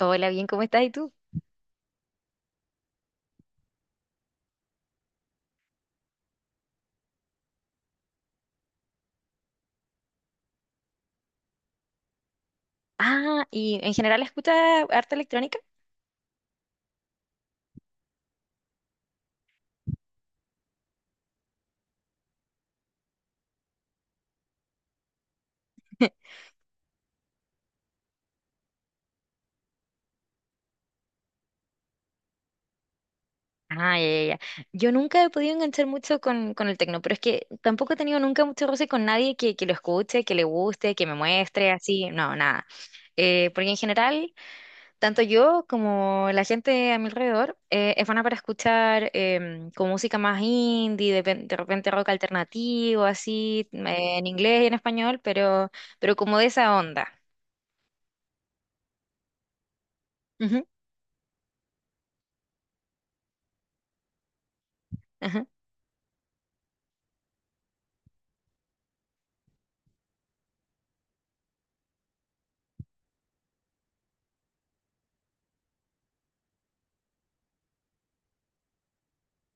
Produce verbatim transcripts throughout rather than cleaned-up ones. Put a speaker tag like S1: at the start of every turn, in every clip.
S1: Hola, bien, ¿cómo estás? ¿Y tú? Ah, ¿y en general escuchas arte electrónica? Ah, ya, ya, ya. Yo nunca he podido enganchar mucho con, con el tecno, pero es que tampoco he tenido nunca mucho roce con nadie que, que lo escuche, que le guste, que me muestre, así, no, nada. Eh, porque en general, tanto yo como la gente a mi alrededor eh, es buena para escuchar em, con música más indie, de, pen- de repente rock alternativo, así, eh, en inglés y en español, pero, pero como de esa onda. Ujú, ajá,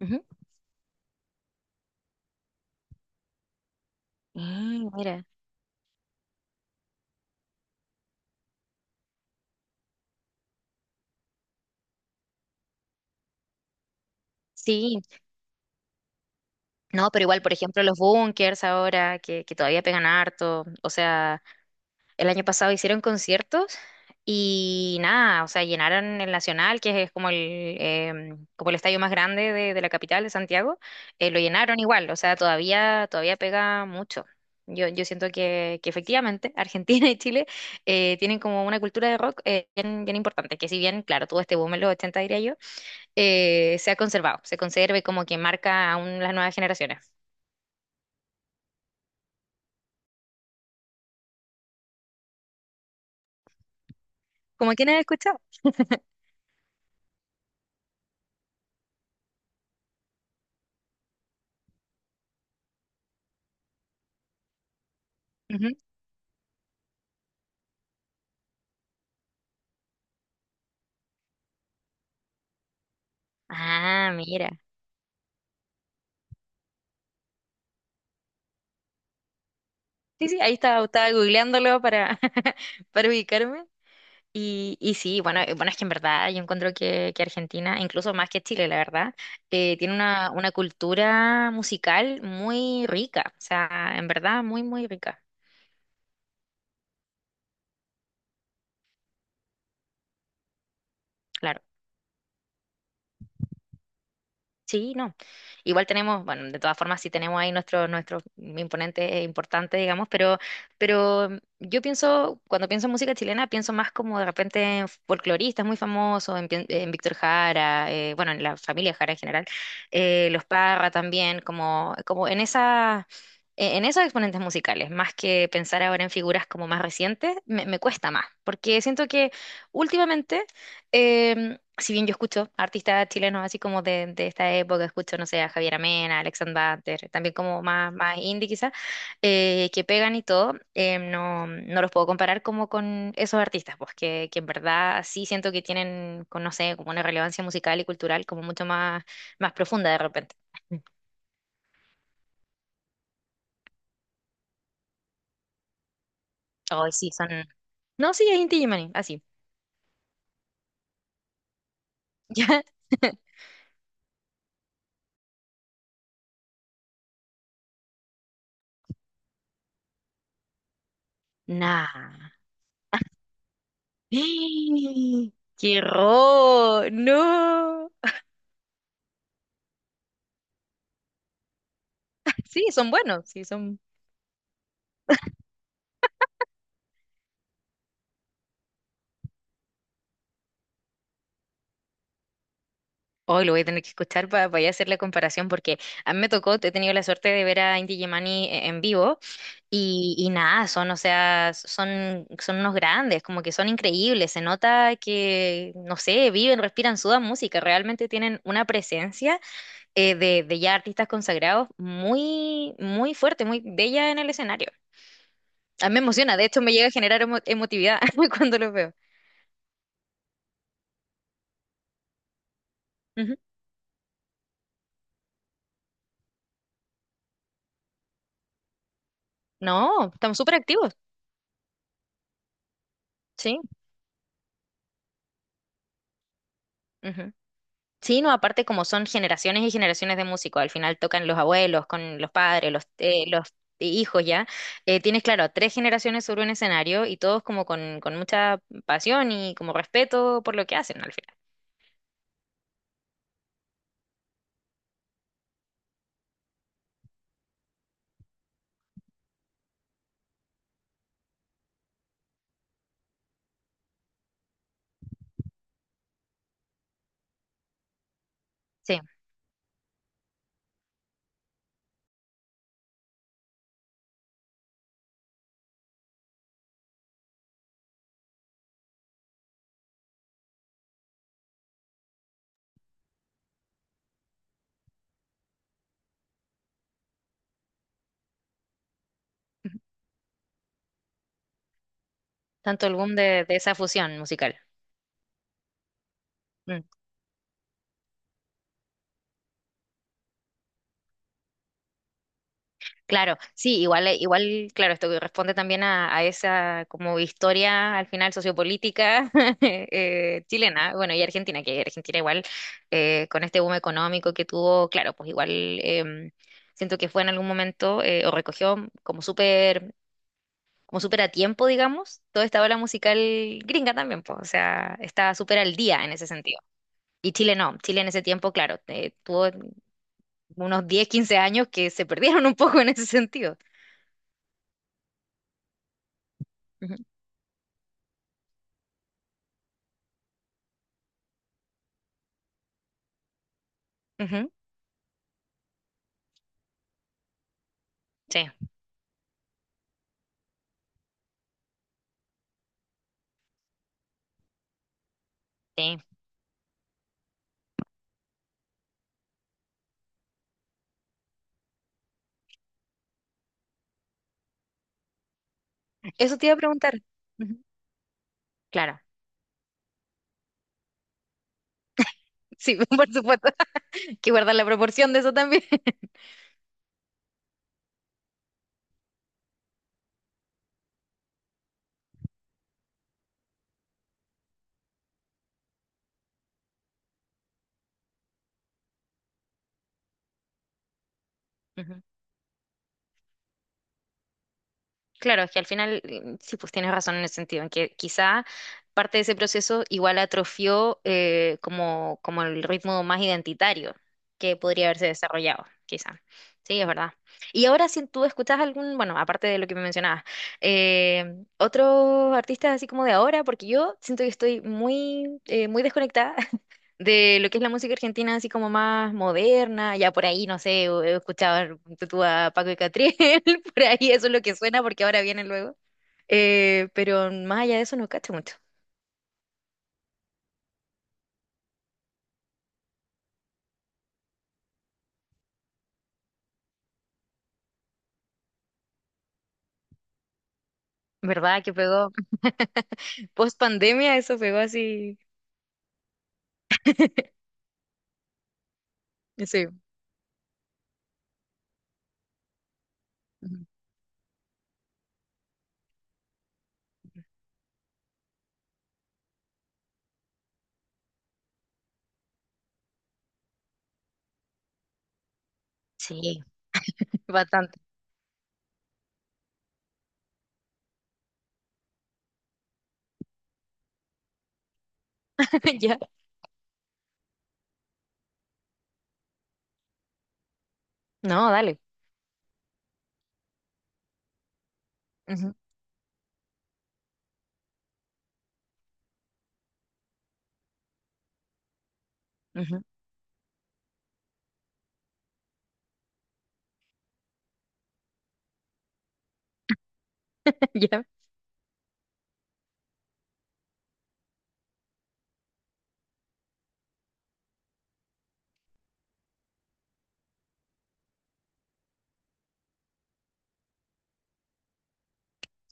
S1: ujú. Mm, mira, sí, no, pero igual, por ejemplo, los bunkers ahora que, que todavía pegan harto, o sea, el año pasado hicieron conciertos y nada, o sea, llenaron el Nacional, que es como el, em, como el estadio más grande de, de la capital de Santiago, eh, lo llenaron igual, o sea, todavía, todavía pega mucho. Yo, yo siento que, que efectivamente Argentina y Chile eh, tienen como una cultura de rock eh, bien, bien importante, que si bien, claro, tuvo este boom en los ochenta, diría yo, eh, se ha conservado, se conserva como que marca aún las nuevas generaciones. Como quienes han escuchado. Ujú. Ah, mira. Sí, sí, ahí estaba, estaba googleándolo para, para ubicarme. Y, y sí, bueno, eh, bueno, es que en verdad yo encuentro que, que Argentina, incluso más que Chile, la verdad, eh, tiene una, una cultura musical muy rica, o sea, en verdad muy, muy rica, claro. Sí, no. Igual tenemos, bueno, de todas formas sí tenemos ahí nuestros nuestros imponentes eh, importantes, digamos, pero, pero mm, yo pienso, cuando pienso en música chilena, pienso más como de repente en folcloristas muy famosos, en, pien- en Víctor Jara, eh, bueno, en la familia Jara en general, eh, los Parra también, como, como en esa... e- En esos exponentes musicales, más que pensar ahora en figuras como más recientes, me, me cuesta más, porque siento que últimamente em, si bien yo escucho artistas chilenos así como de, de esta época, escucho, no sé, a Javier Amena, Alexandre Banter, también como más, más indie quizás, eh, que pegan y todo, em, no, no los puedo comparar como con esos artistas, pues que, que en verdad sí siento que tienen, con, no sé, como una relevancia musical y cultural como mucho más, más profunda de repente. Ay, sí, son... No, sí, es Inti Illimani, así. ¿Ya? Nah. ¡Qué horror! ¡No! Sí, son buenos, sí, son... Hoy lo voy a tener que escuchar para ya hacer la comparación porque a mí me tocó, he tenido la suerte de ver a Inti Illimani e- en vivo y, y nada, son, o sea, son, son unos grandes, como que son increíbles, se nota que, no sé, viven, respiran, sudan música, realmente tienen una presencia eh, de, de ya artistas consagrados muy, muy fuerte, muy bella en el escenario. A mí me emociona, de hecho me llega a generar emo- emotividad cuando los veo. Ujú. No, estamos súper activos, sí. Ujú. Sí, no, aparte como son generaciones y generaciones de músicos, al final tocan los abuelos, con los padres, los, eh, los hijos ya, eh, tienes claro a tres generaciones sobre un escenario y todos como con, con mucha pasión y como respeto por lo que hacen al final. Sí, ujú. Tanto el boom de, de esa fusión musical. Mm. Claro, sí, igual, eh, igual, claro, esto que responde también a, a esa como historia al final sociopolítica eh, chilena, bueno, y Argentina, que Argentina igual eh, con este boom económico que tuvo, claro, pues igual em, siento que fue en algún momento eh, o recogió como súper, como súper a tiempo, digamos, toda esta ola musical gringa también, pues, o sea, está súper al día en ese sentido. Y Chile no, Chile en ese tiempo, claro, eh, tuvo unos diez, quince años que se perdieron un poco en ese sentido. Ujú, ujú. Sí, sí, eso te iba a preguntar. Ujú. Claro. Sí, por supuesto. Que guardar la proporción de eso también. Ujú. Claro, es que al final, mm, sí, pues tienes razón en el sentido, en que quizá parte de ese proceso igual atrofió eh, como, como el ritmo más identitario que podría haberse desarrollado, quizá. Sí, es verdad. Y ahora si tú escuchas algún, bueno, aparte de lo que me mencionabas, eh, otros artistas así como de ahora, porque yo siento que estoy muy, eh, muy desconectada de lo que es la música argentina, así como más moderna, ya por ahí, no sé, o- he escuchado tú a Paco y Catriel, por ahí eso es lo que suena porque ahora viene luego. Eh, pero más allá de eso no cacho mucho. ¿Verdad que pegó? Post pandemia eso pegó así. Sí. Ujú. Sí, bastante. Ya. No, dale. Ujú, ujú. Ya.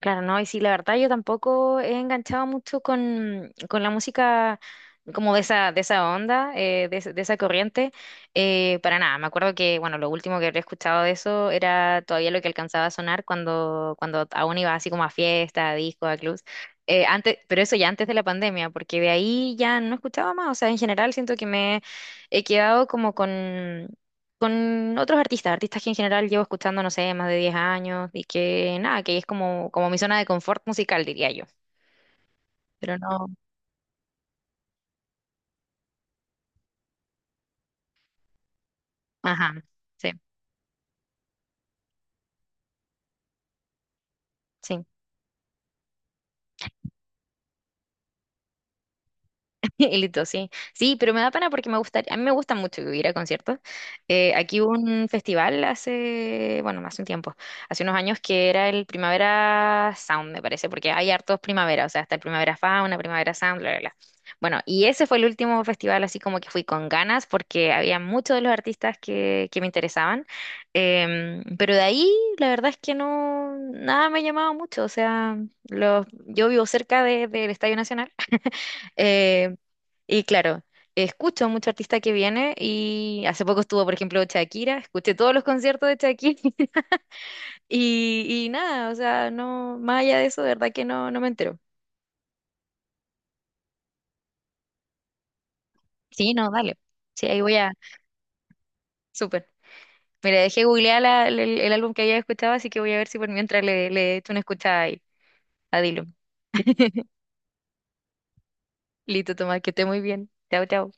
S1: Claro, no, y sí, la verdad yo tampoco he enganchado mucho con, con la música como de esa, de esa onda, eh, de, ese- de esa corriente, eh, para nada. Me acuerdo que, bueno, lo último que había escuchado de eso era todavía lo que alcanzaba a sonar cuando, cuando aún iba así como a fiesta, a discos, a clubs. Eh, antes, pero eso ya antes de la pandemia, porque de ahí ya no escuchaba más. O sea, en general siento que me he quedado como con, con otros artistas, artistas que en general llevo escuchando, no sé, más de diez años y que nada, que es como, como mi zona de confort musical, diría yo. Pero no, ajá, sí, sí. Y listo, sí. Sí, pero me da pena porque me gusta, a mí me gusta mucho ir a conciertos. Eh, aquí hubo un festival hace, bueno, hace un tiempo, hace unos años que era el Primavera Sound, me parece, porque hay hartos primavera, o sea, está el Primavera Fauna, Primavera Sound, bla, bla, bla. Bueno, y ese fue el último festival así como que fui con ganas porque había muchos de los artistas que, que me interesaban. Em, pero de ahí la verdad es que no, nada me llamaba mucho, o sea, los, yo vivo cerca de- del Estadio Nacional. Y claro, escucho mucho artista que viene y hace poco estuvo, por ejemplo, Shakira, escuché todos los conciertos de Shakira y, y nada, o sea, no, más allá de eso, de verdad que no, no me entero. Sí, no, dale. Sí, ahí voy a... Súper. Mira, dejé googlear la- el, el álbum que había escuchado, así que voy a ver si por mientras le, le echo una escuchada ahí. A Dilo. Listo, Tomás, que esté muy bien. Chao, chao.